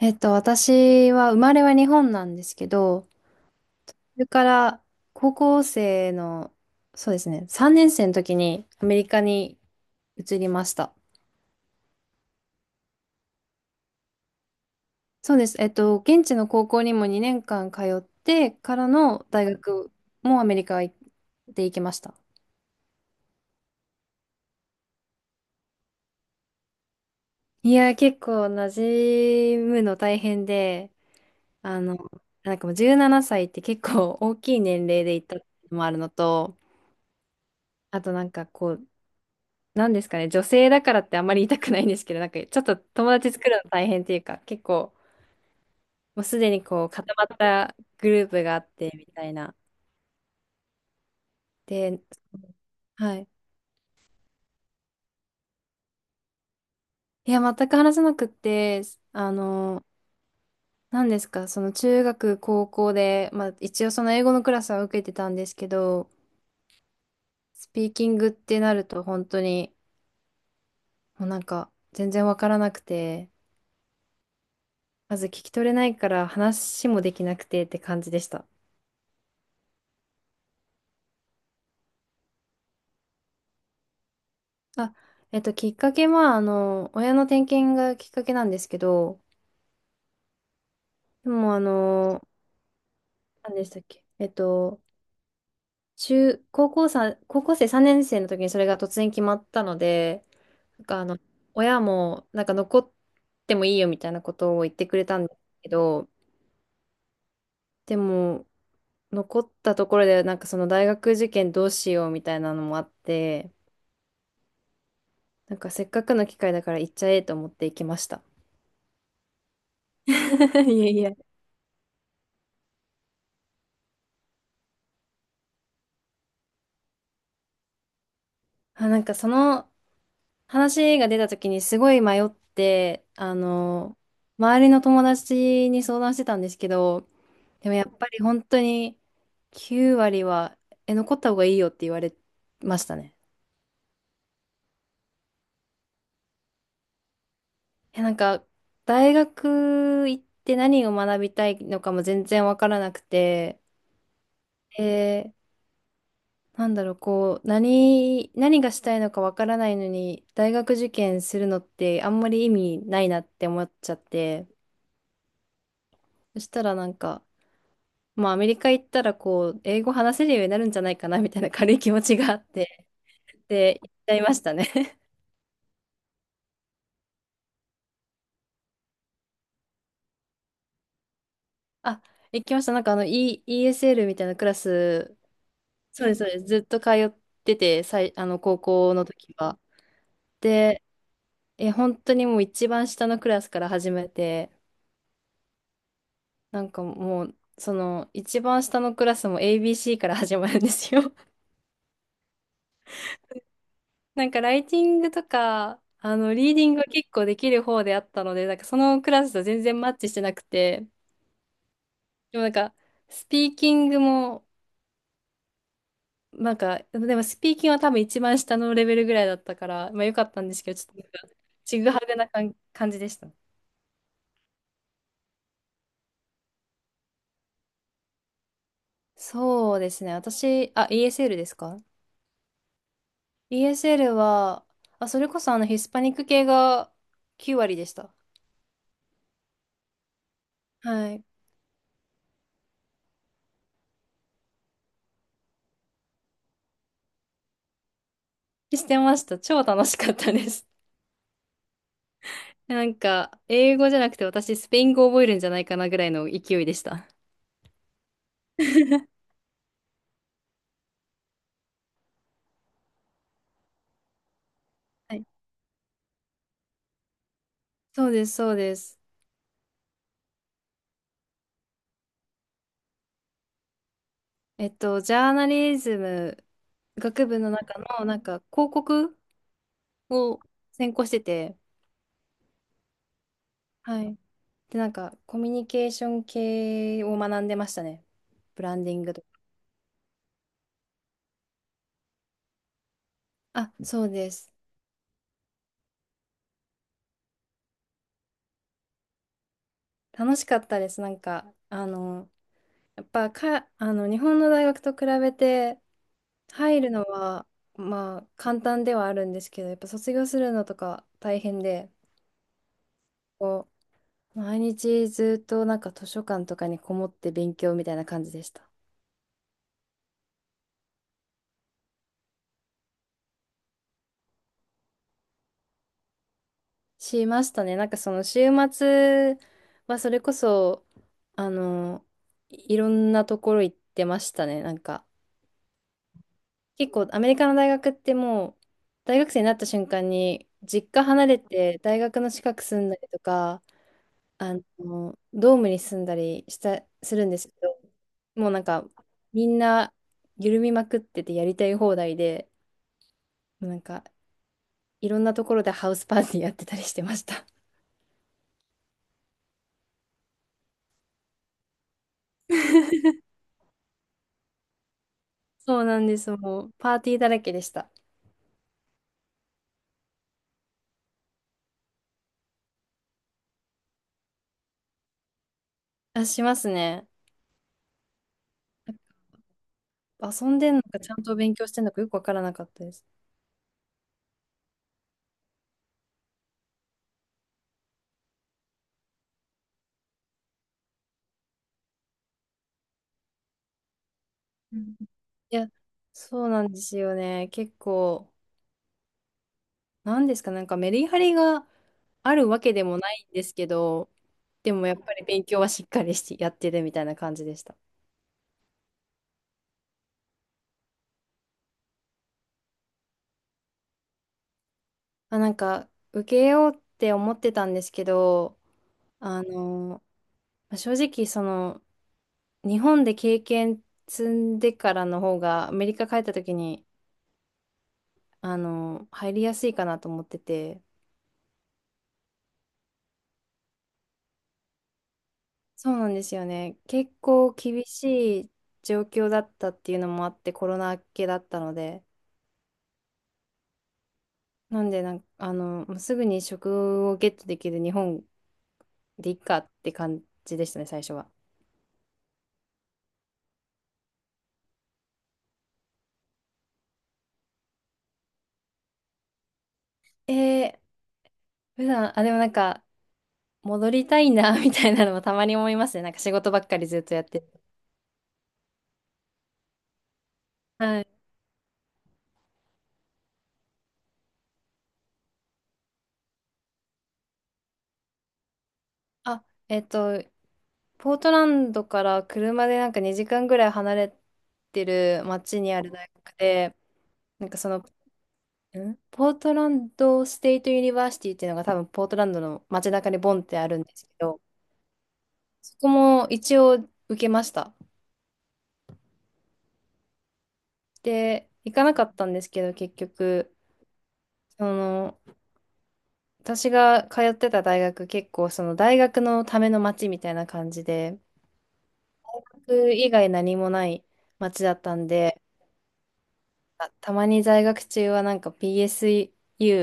私は生まれは日本なんですけど、それから高校生の、そうですね、3年生の時にアメリカに移りました。そうです。現地の高校にも2年間通ってからの大学もアメリカで行きました。いや、結構馴染むの大変で、あの、なんかもう17歳って結構大きい年齢で行ったのもあるのと、あとなんかこう、なんですかね、女性だからってあんまり言いたくないんですけど、なんかちょっと友達作るの大変っていうか、結構もうすでにこう固まったグループがあってみたいな。で、はい。いや、全く話せなくって、あの、何ですか、その中学、高校で、まあ一応その英語のクラスは受けてたんですけど、スピーキングってなると本当にもうなんか全然わからなくて、まず聞き取れないから話もできなくてって感じでした。あ、きっかけは、親の転勤がきっかけなんですけど、でも、何でしたっけ、中、高校さん、高校生3年生の時にそれが突然決まったので、なんか、親も、なんか、残ってもいいよみたいなことを言ってくれたんですけど、でも、残ったところで、なんか、その大学受験どうしようみたいなのもあって、なんか、せっかくの機会だから行っちゃえと思って行きました。いやいや。あ、なんかその話が出た時にすごい迷って、周りの友達に相談してたんですけど、でもやっぱり本当に9割は、残った方がいいよって言われましたね。なんか、大学行って何を学びたいのかも全然わからなくて、えーなんだろう、こう、何がしたいのかわからないのに、大学受験するのってあんまり意味ないなって思っちゃって、そしたらなんか、まあ、アメリカ行ったら、こう、英語話せるようになるんじゃないかな、みたいな軽い気持ちがあって、で、行っちゃいましたね。あ、行きました。なんか、イーエス s l みたいなクラス、そうです、そうです。ずっと通ってて、高校の時は。で、本当にもう一番下のクラスから始めて、なんかもう、その、一番下のクラスも ABC から始まるんですよ。なんか、ライティングとか、リーディングは結構できる方であったので、なんか、そのクラスと全然マッチしてなくて、でもなんか、スピーキングも、なんか、でもスピーキングは多分一番下のレベルぐらいだったから、まあ良かったんですけど、ちょっとなんか、ちぐはぐな感じでした。そうですね。私、あ、ESL ですか？ ESL は、あ、それこそあのヒスパニック系が9割でした。はい。してました。超楽しかったです。なんか、英語じゃなくて私、スペイン語覚えるんじゃないかなぐらいの勢いでした。はい、そうです、そうです。ジャーナリズム学部の中の、なんか、広告を専攻してて、はい。で、なんか、コミュニケーション系を学んでましたね。ブランディングとか。あ、そうです。楽しかったです。なんか、やっぱか、日本の大学と比べて、入るのは、まあ、簡単ではあるんですけど、やっぱ卒業するのとか大変で、こう、毎日ずっとなんか図書館とかにこもって勉強みたいな感じでした。しましたね。なんかその週末はそれこそ、あの、いろんなところ行ってましたね。なんか結構アメリカの大学ってもう大学生になった瞬間に実家離れて大学の近く住んだりとか、あドームに住んだりするんですけど、もうなんかみんな緩みまくっててやりたい放題で、なんかいろんなところでハウスパーティーやってたりしてました。そうなんです。もうパーティーだらけでした。あ、しますね。遊んでんのか、ちゃんと勉強してんのかよくわからなかったです。うん、いや、そうなんですよね。結構、なんですか、なんかメリハリがあるわけでもないんですけど、でもやっぱり勉強はしっかりしてやってるみたいな感じでした。あ、なんか、受けようって思ってたんですけど、あの、まあ正直、その、日本で経験積んでからの方が、アメリカ帰った時に、入りやすいかなと思ってて、そうなんですよね。結構厳しい状況だったっていうのもあって、コロナ明けだったので、なんでなんか、もうすぐに職をゲットできる日本でいいかって感じでしたね、最初は。えー、普段、あ、でもなんか、戻りたいな、みたいなのもたまに思いますね。なんか仕事ばっかりずっとやってる。はい。あ、ポートランドから車でなんか2時間ぐらい離れてる町にある大学で、なんかそのポートランドステイトユニバーシティっていうのが多分ポートランドの街中にボンってあるんですけど、そこも一応受けました。で、行かなかったんですけど、結局、その、私が通ってた大学結構その大学のための街みたいな感じで、大学以外何もない街だったんで、あたまに在学中はなんか PSU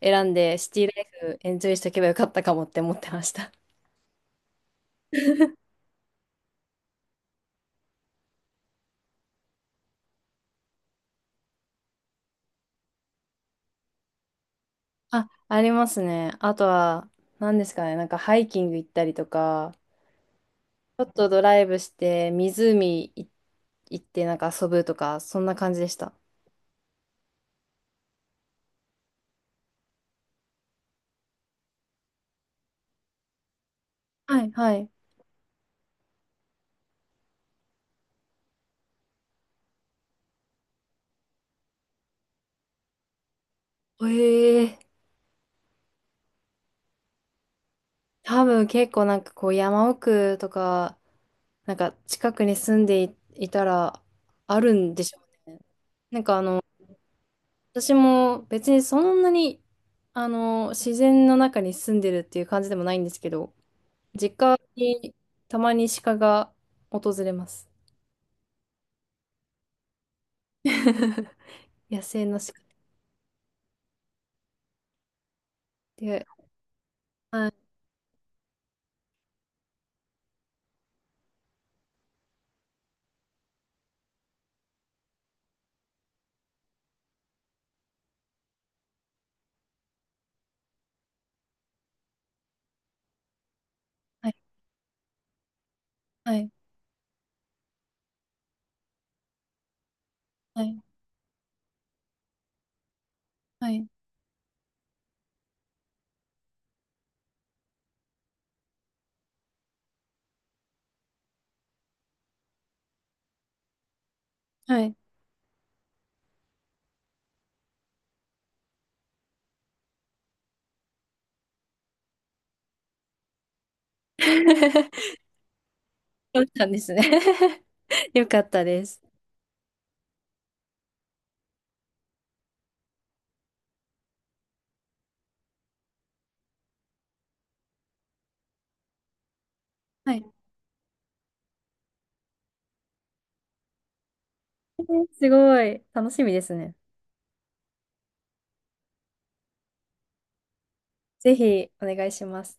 選んでシティライフエンジョイしとけばよかったかもって思ってました。あ、ありますね。あとは、何ですかね、なんかハイキング行ったりとか、ちょっとドライブして、湖行って、なんか遊ぶとか、そんな感じでした。はい、はい。ええ、多分結構なんかこう山奥とか、なんか近くに住んでいたら、あるんでしょうね。なんか私も別にそんなに、自然の中に住んでるっていう感じでもないんですけど、実家にたまに鹿が訪れます。野生の鹿で。はい、はい、はい、はい、はい。はい。 そうなんですね。 よかったです。はい。えー、すごい、楽しみですね。ぜひお願いします。